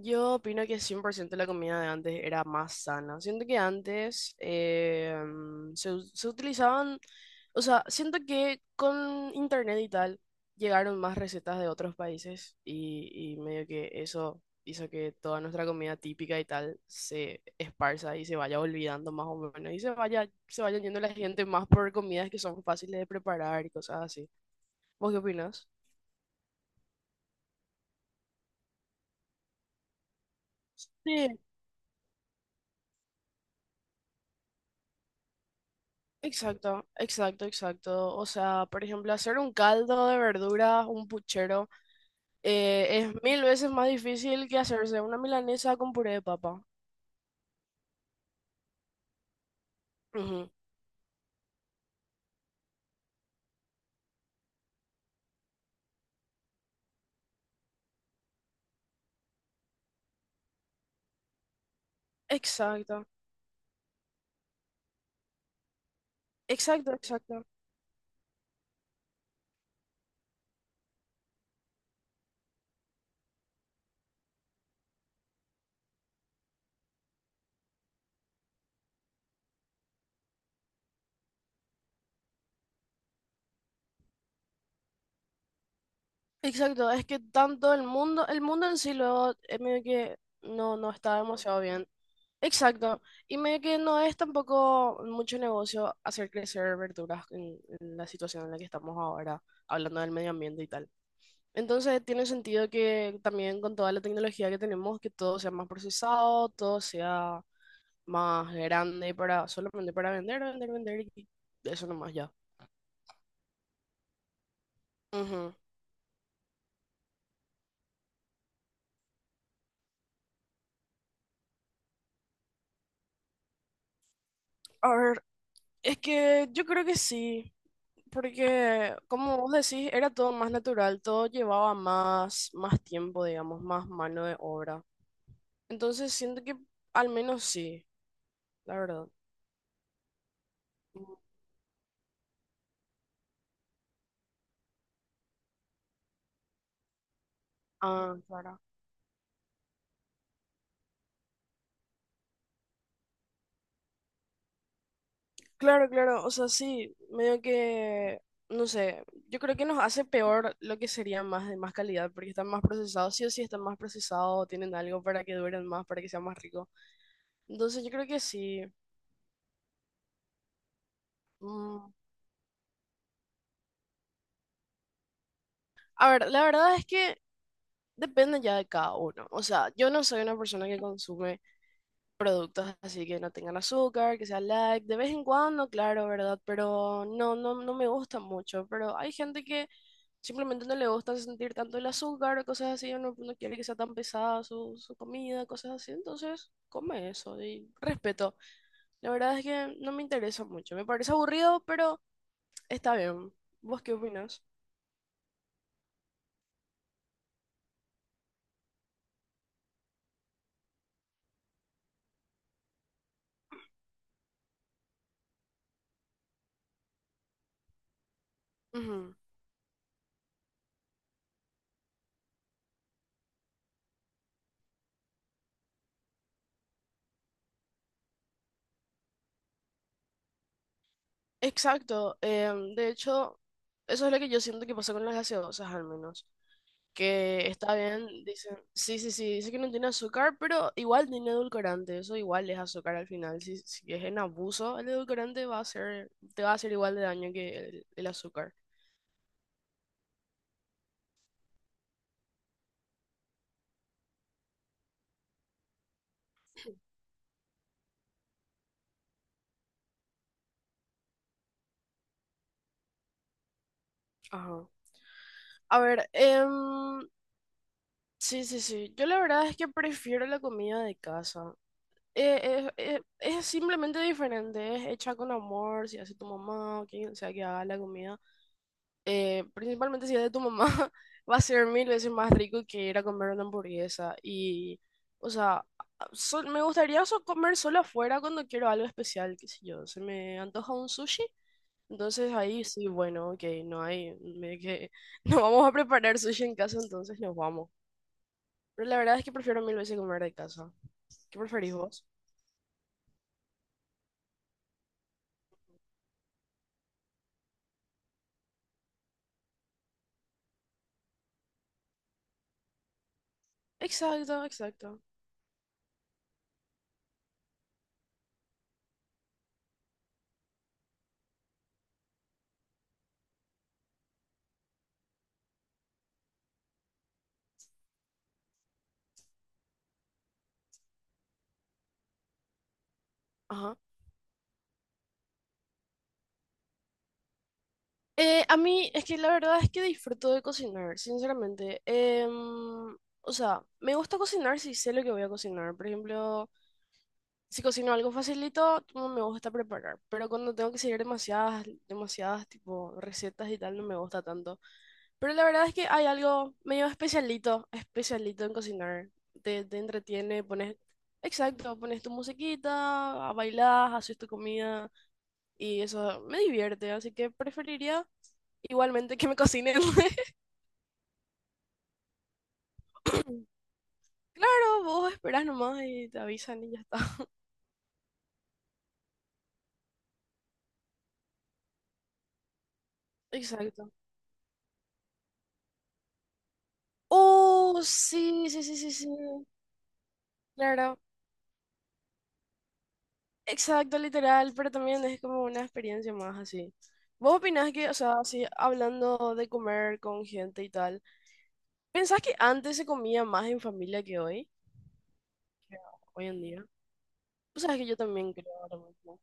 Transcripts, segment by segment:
Yo opino que 100% la comida de antes era más sana. Siento que antes se utilizaban, o sea, siento que con internet y tal llegaron más recetas de otros países y medio que eso hizo que toda nuestra comida típica y tal se esparza y se vaya olvidando más o menos y se vayan yendo la gente más por comidas que son fáciles de preparar y cosas así. ¿Vos qué opinas? Exacto, exacto, exacto. O sea, por ejemplo, hacer un caldo de verduras, un puchero, es mil veces más difícil que hacerse una milanesa con puré de papa. Ujú. Exacto, exacto, exacto. Exacto, es que tanto el mundo en sí luego es medio que no, no está demasiado bien. Exacto, y medio que no es tampoco mucho negocio hacer crecer verduras en la situación en la que estamos ahora, hablando del medio ambiente y tal. Entonces tiene sentido que también con toda la tecnología que tenemos, que todo sea más procesado, todo sea más grande para solamente para vender, vender, vender y eso nomás ya. Ujú. A ver, es que yo creo que sí, porque como vos decís, era todo más natural, todo llevaba más tiempo, digamos, más mano de obra. Entonces siento que al menos sí, la verdad. Ah, claro. Claro, claro, o sea, sí, medio que, no sé, yo creo que nos hace peor lo que sería más de más calidad, porque están más procesados, sí o sí están más procesados, tienen algo para que duren más, para que sea más rico. Entonces yo creo que sí. Mm. A ver, la verdad es que depende ya de cada uno. O sea, yo no soy una persona que consume productos así que no tengan azúcar, que sea light, de vez en cuando, claro, ¿verdad? Pero no, no, no me gusta mucho, pero hay gente que simplemente no le gusta sentir tanto el azúcar o cosas así, o no, no quiere que sea tan pesada su comida, cosas así, entonces come eso y respeto. La verdad es que no me interesa mucho, me parece aburrido, pero está bien. ¿Vos qué opinas? Ujú. Exacto, de hecho, eso es lo que yo siento que pasa con las gaseosas al menos. Que está bien, dicen. Sí, sí, sí, dice que no tiene azúcar, pero igual tiene edulcorante, eso igual es azúcar al final. Si es en abuso, el edulcorante te va a hacer igual de daño que el azúcar. Ajá. A ver, sí, sí, sí, yo la verdad es que prefiero la comida de casa. Es simplemente diferente, es hecha con amor, si hace tu mamá o quien sea que haga la comida. Principalmente si es de tu mamá, va a ser mil veces más rico que ir a comer una hamburguesa. Y, o sea, me gustaría comer solo afuera cuando quiero algo especial, qué sé yo. Se me antoja un sushi, entonces ahí sí, bueno, ok, no hay, me, que, no vamos a preparar sushi en casa, entonces nos vamos. Pero la verdad es que prefiero mil veces comer de casa. ¿Qué preferís vos? Exacto, exacto. Ajá. A mí es que la verdad es que disfruto de cocinar, sinceramente. O sea, me gusta cocinar si sé lo que voy a cocinar. Por ejemplo, si cocino algo facilito, no me gusta preparar. Pero cuando tengo que seguir demasiadas tipo recetas y tal, no me gusta tanto. Pero la verdad es que hay algo medio especialito, especialito en cocinar. Te entretiene, pones, exacto, pones tu musiquita, bailás, haces tu comida y eso me divierte. Así que preferiría Igualmente que me cocinen. Claro, vos esperás nomás y te avisan y ya está. Exacto. Oh, sí, sí, sí, sí, sí. Claro. Exacto, literal, pero también es como una experiencia más así. ¿Vos opinás que, o sea, así hablando de comer con gente y tal, pensás que antes se comía más en familia que hoy? Que hoy en día. Pues sabes que yo también creo lo mismo.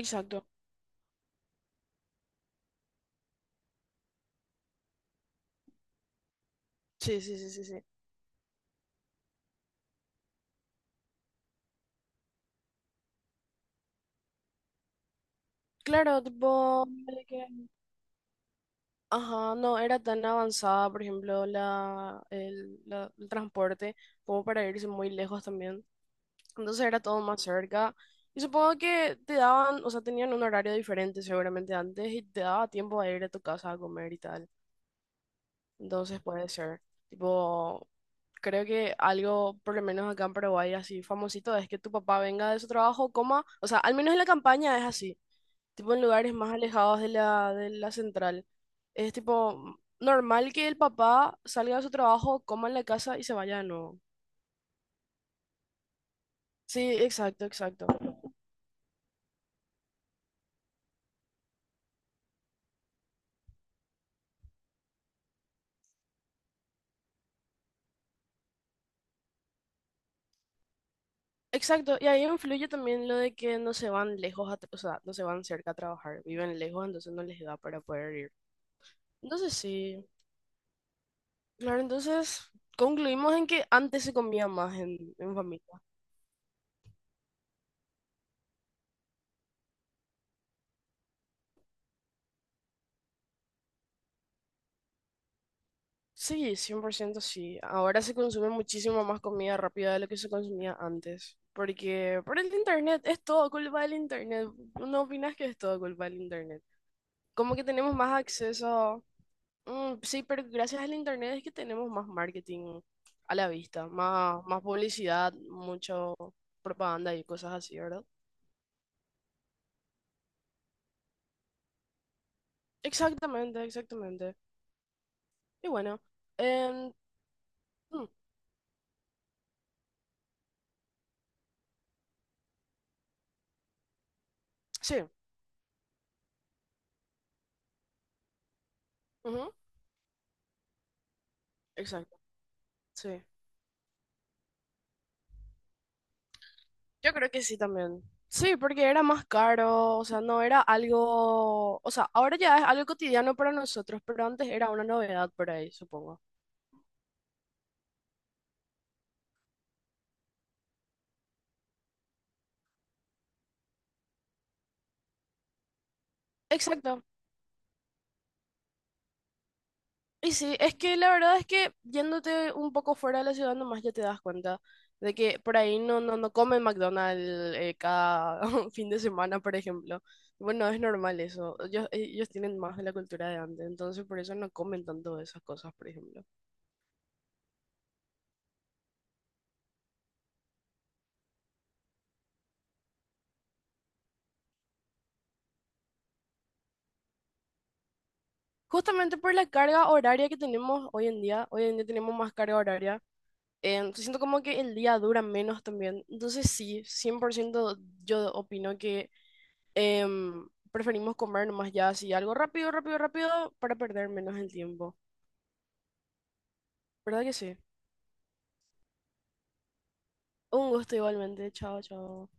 Exacto. Sí, sí, sí, sí, sí. Claro, tipo, ponele que Ajá, no era tan avanzada, por ejemplo, el transporte, como para irse muy lejos también. Entonces era todo más cerca. Y supongo que te daban, o sea, tenían un horario diferente seguramente antes y te daba tiempo a ir a tu casa a comer y tal. Entonces puede ser. Tipo, creo que algo, por lo menos acá en Paraguay, así famosito, es que tu papá venga de su trabajo, coma, o sea, al menos en la campaña es así, tipo en lugares más alejados de la central. Es tipo normal que el papá salga de su trabajo, coma en la casa y se vaya de nuevo. Sí, exacto, exacto. Exacto, y ahí influye también lo de que no se van lejos, a tra- o sea, no se van cerca a trabajar, viven lejos, entonces no les da para poder ir. Entonces sí, claro, entonces concluimos en que antes se comía más en familia. Sí, 100% sí. Ahora se consume muchísimo más comida rápida de lo que se consumía antes. Porque por el internet, es todo culpa del internet. ¿No opinas que es todo culpa del internet? Como que tenemos más acceso. Mm, sí, pero gracias al internet es que tenemos más marketing a la vista, más publicidad, mucho propaganda y cosas así, ¿verdad? Exactamente, exactamente. Y bueno, em, mm, sí, ujú, exacto, sí. Yo creo que sí también. Sí, porque era más caro, o sea, no era algo, o sea, ahora ya es algo cotidiano para nosotros, pero antes era una novedad por ahí, supongo. Exacto, y sí, es que la verdad es que yéndote un poco fuera de la ciudad nomás ya te das cuenta de que por ahí no, no, no comen McDonald's cada fin de semana, por ejemplo. Bueno, es normal eso. Ellos tienen más de la cultura de antes, entonces por eso no comen tanto de esas cosas, por ejemplo. Justamente por la carga horaria que tenemos hoy en día tenemos más carga horaria. Siento como que el día dura menos también. Entonces sí, 100% yo opino que Preferimos comer nomás ya así, algo rápido, rápido, rápido, para perder menos el tiempo. ¿Verdad que sí? Un gusto igualmente. Chao, chao.